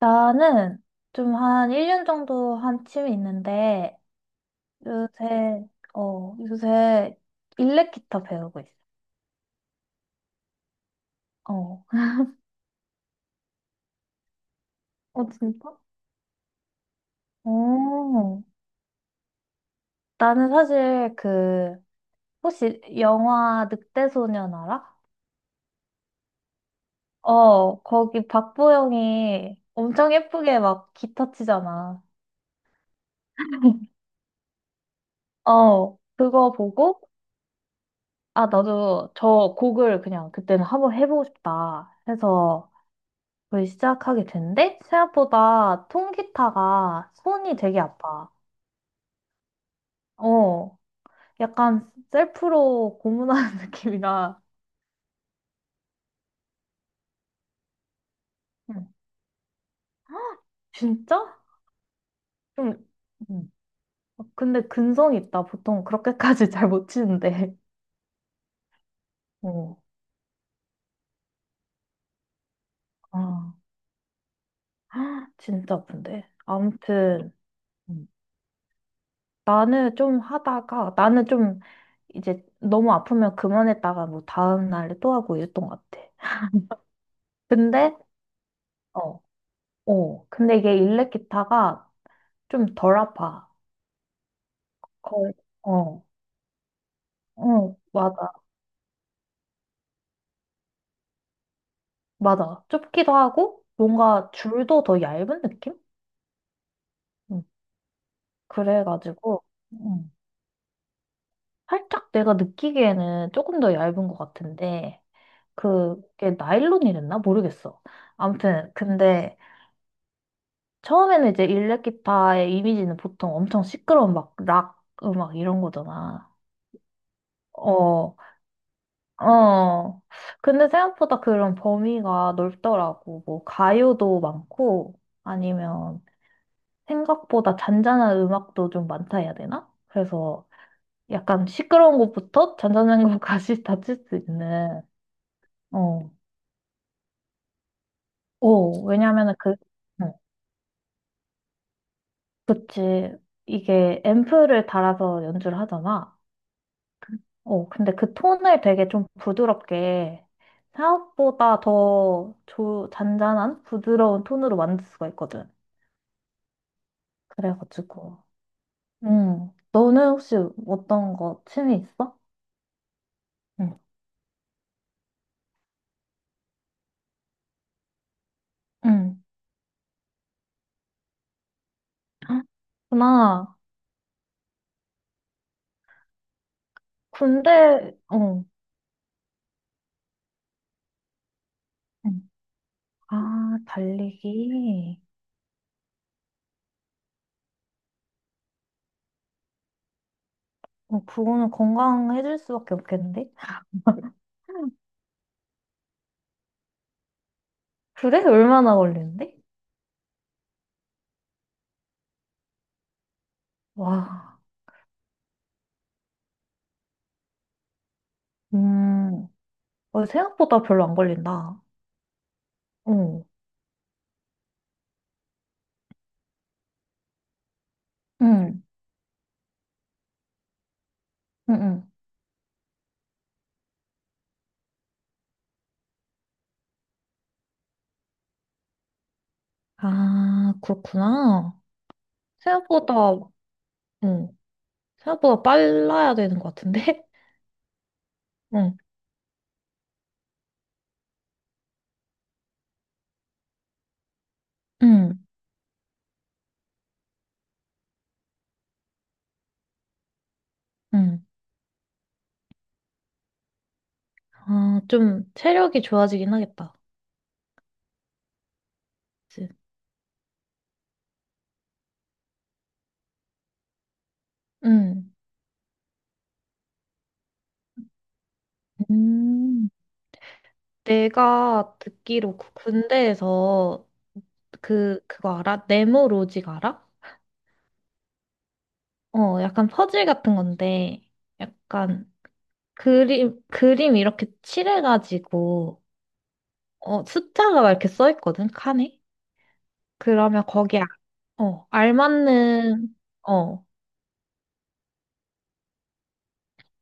나는 좀 한 1년 정도 한 취미 있는데, 요새, 요새 일렉 기타 배우고 있어. 어. 어, 진짜? 어. 나는 사실 혹시 영화 늑대소년 알아? 어, 거기 박보영이 엄청 예쁘게 막 기타 치잖아. 어, 그거 보고, 아, 나도 저 곡을 그냥 그때는 한번 해보고 싶다 해서 그걸 시작하게 된데 생각보다 통기타가 손이 되게 아파. 어, 약간 셀프로 고문하는 느낌이라. 응, 진짜? 좀, 응, 근데 근성이 있다. 보통 그렇게까지 잘 못 치는데. 어, 아, 진짜 아픈데. 아무튼 음. 나는 좀 이제 너무 아프면 그만했다가 뭐 다음 날에 또 하고 이랬던 것 같아. 근데 어 어, 근데 이게 일렉 기타가 좀 덜 아파. 거의, 어, 어, 맞아, 맞아. 좁기도 하고, 뭔가 줄도 더 얇은 느낌? 음, 그래가지고, 음, 살짝 내가 느끼기에는 조금 더 얇은 것 같은데, 그게 나일론이랬나? 모르겠어. 아무튼, 근데 처음에는 이제 일렉 기타의 이미지는 보통 엄청 시끄러운 막 락 음악 이런 거잖아. 어, 어. 근데 생각보다 그런 범위가 넓더라고. 뭐, 가요도 많고, 아니면 생각보다 잔잔한 음악도 좀 많다 해야 되나? 그래서 약간 시끄러운 것부터 잔잔한 것까지 다칠 수 있는, 어. 오, 왜냐면은 어, 그치. 이게 앰프를 달아서 연주를 하잖아. 어, 근데 그 톤을 되게 좀 부드럽게 생각보다 더 잔잔한 부드러운 톤으로 만들 수가 있거든. 그래가지고. 응. 너는 혹시 어떤 거 취미 있어? 응. 응. 헉, 나 군대, 어. 응. 아, 달리기. 어, 그거는 건강해질 수밖에 없겠는데? 그래? 얼마나 걸리는데? 와, 음, 어, 생각보다 별로 안 걸린다. 어. 응. 응. 응. 아, 그렇구나. 생각보다, 응. 생각보다 빨라야 되는 것 같은데? 응. 응. 응. 아, 좀 체력이 좋아지긴 하겠다. 그치? 응. 음, 내가 듣기로 그 군대에서 그거 알아? 네모 로직 알아? 어, 약간 퍼즐 같은 건데, 약간 그림 이렇게 칠해가지고, 어, 숫자가 막 이렇게 써 있거든, 칸에? 그러면 거기에, 어, 알맞는, 어,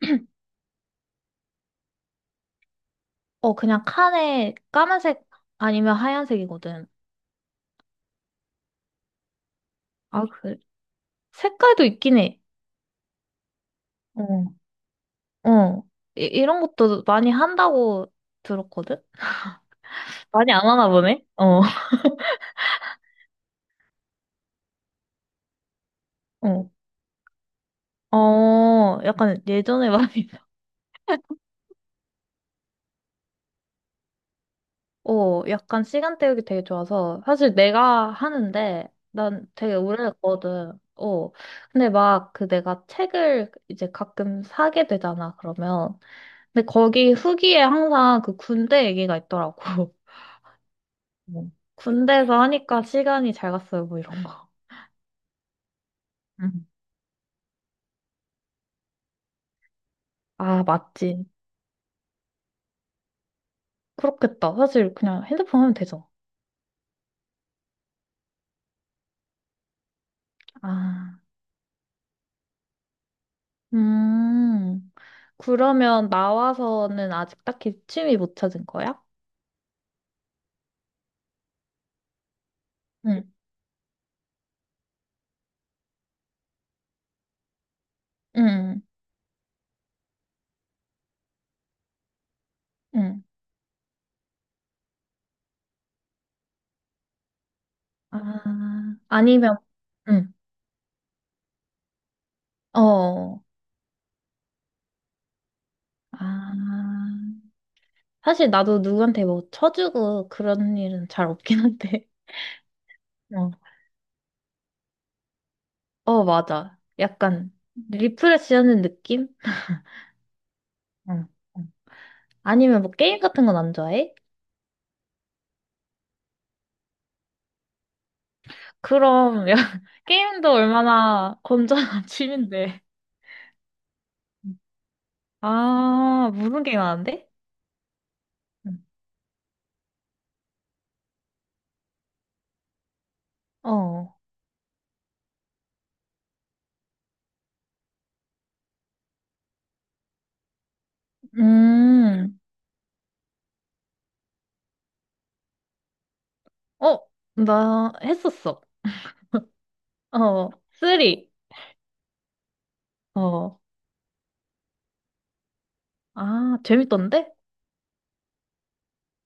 어, 그냥 칸에 까만색 아니면 하얀색이거든. 아, 그, 색깔도 있긴 해. 어, 어. 이런 것도 많이 한다고 들었거든? 많이 안 하나 보네? 어, 어. 어, 약간 예전에 많이, 어, 약간 시간 때우기 되게 좋아서. 사실 내가 하는데, 난 되게 오래됐거든. 어. 근데 막 그 내가 책을 이제 가끔 사게 되잖아, 그러면. 근데 거기 후기에 항상 그 군대 얘기가 있더라고. 어. 군대에서 하니까 시간이 잘 갔어요, 뭐 이런 거. 음. 아, 맞지. 그렇겠다. 사실 그냥 핸드폰 하면 되죠. 아, 음. 그러면 나와서는 아직 딱히 취미 못 찾은 거야? 응, 응, 응. 아, 아니면, 응, 어. 아, 사실 나도 누구한테 뭐 쳐주고 그런 일은 잘 없긴 한데. 어, 어, 맞아. 약간 리프레시 하는 느낌? 응, 응. 아니면 뭐 게임 같은 건 안 좋아해? 그럼, 야, 게임도 얼마나 건전한 취미인데. 아, 무슨 게임 하는데? 음. 어, 음, 어, 나 했었어. 어, 쓰리. 어, 아, 재밌던데?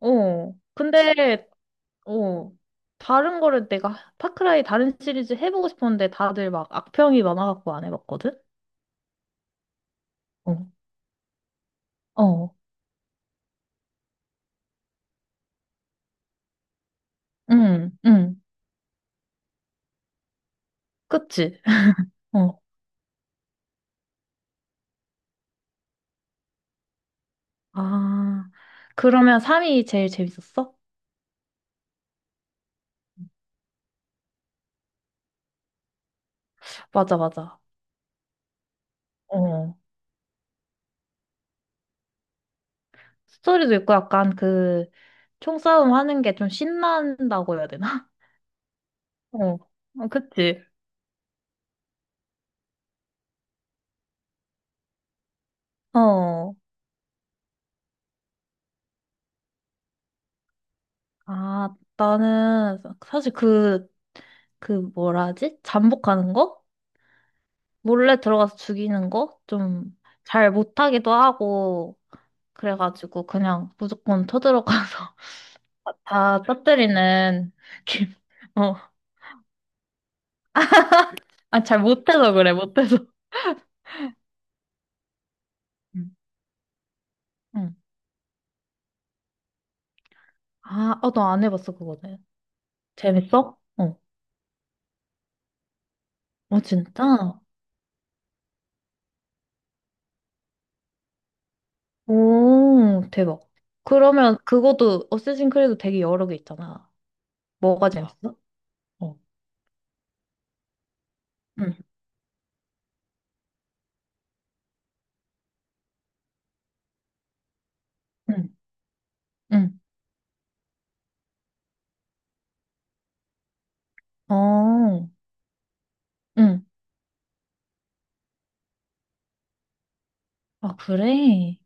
어, 근데, 어, 다른 거를 내가 파크라이 다른 시리즈 해보고 싶었는데 다들 막 악평이 많아갖고 안 해봤거든? 어, 어, 응, 응, 그치? 어, 아, 그러면 3이 제일 재밌었어? 맞아, 맞아. 어, 스토리도 있고 약간 그, 총싸움 하는 게 좀 신난다고 해야 되나? 어, 어, 그치. 어. 아, 나는 사실 그, 그 뭐라 하지? 잠복하는 거? 몰래 들어가서 죽이는 거? 좀 잘 못하기도 하고, 그래가지고 그냥 무조건 쳐들어가서 다 터뜨리는 느낌. 어. 아, 잘 못해서 그래, 못해서. 응. 응. 아, 어, 너 안 해봤어, 그거는. 재밌어? 어. 어, 진짜? 오, 대박. 그러면 그것도 어쌔신 크리드 되게 여러 개 있잖아. 뭐가 아, 재밌어? 어. 응, 응, 응. 어, 응. 아, 그래?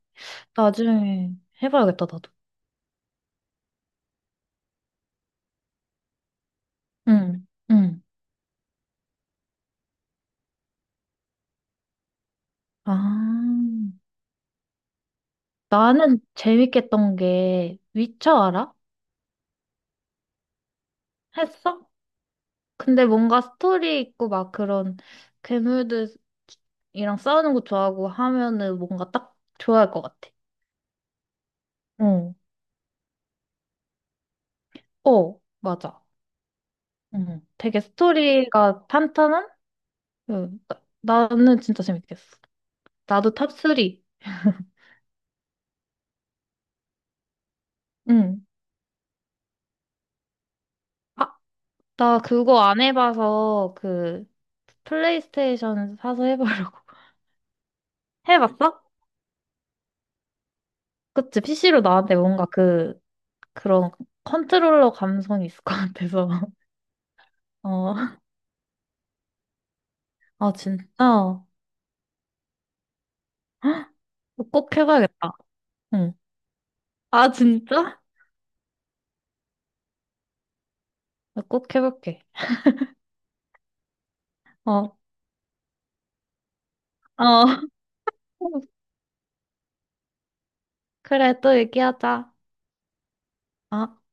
나중에 해봐야겠다, 나도. 응, 응. 아, 나는 재밌겠던 게, 위쳐 알아? 했어? 근데 뭔가 스토리 있고 막 그런 괴물들이랑 싸우는 거 좋아하고 하면은 뭔가 딱 좋아할 것 같아. 어, 어, 맞아. 되게 스토리가 탄탄한? 음, 나는 진짜 재밌겠어. 나도 탑3. 응. 아, 나 그거 안 해봐서 그 플레이스테이션 사서 해보려고. 해봤어? 그치, PC로 나왔는데 뭔가 그, 그런 컨트롤러 감성이 있을 것 같아서. 어, 아, 진짜? 꼭 해봐야겠다. 응. 아, 진짜? 나 꼭 해볼게. 어, 어. 그래, 또 얘기하자. 어.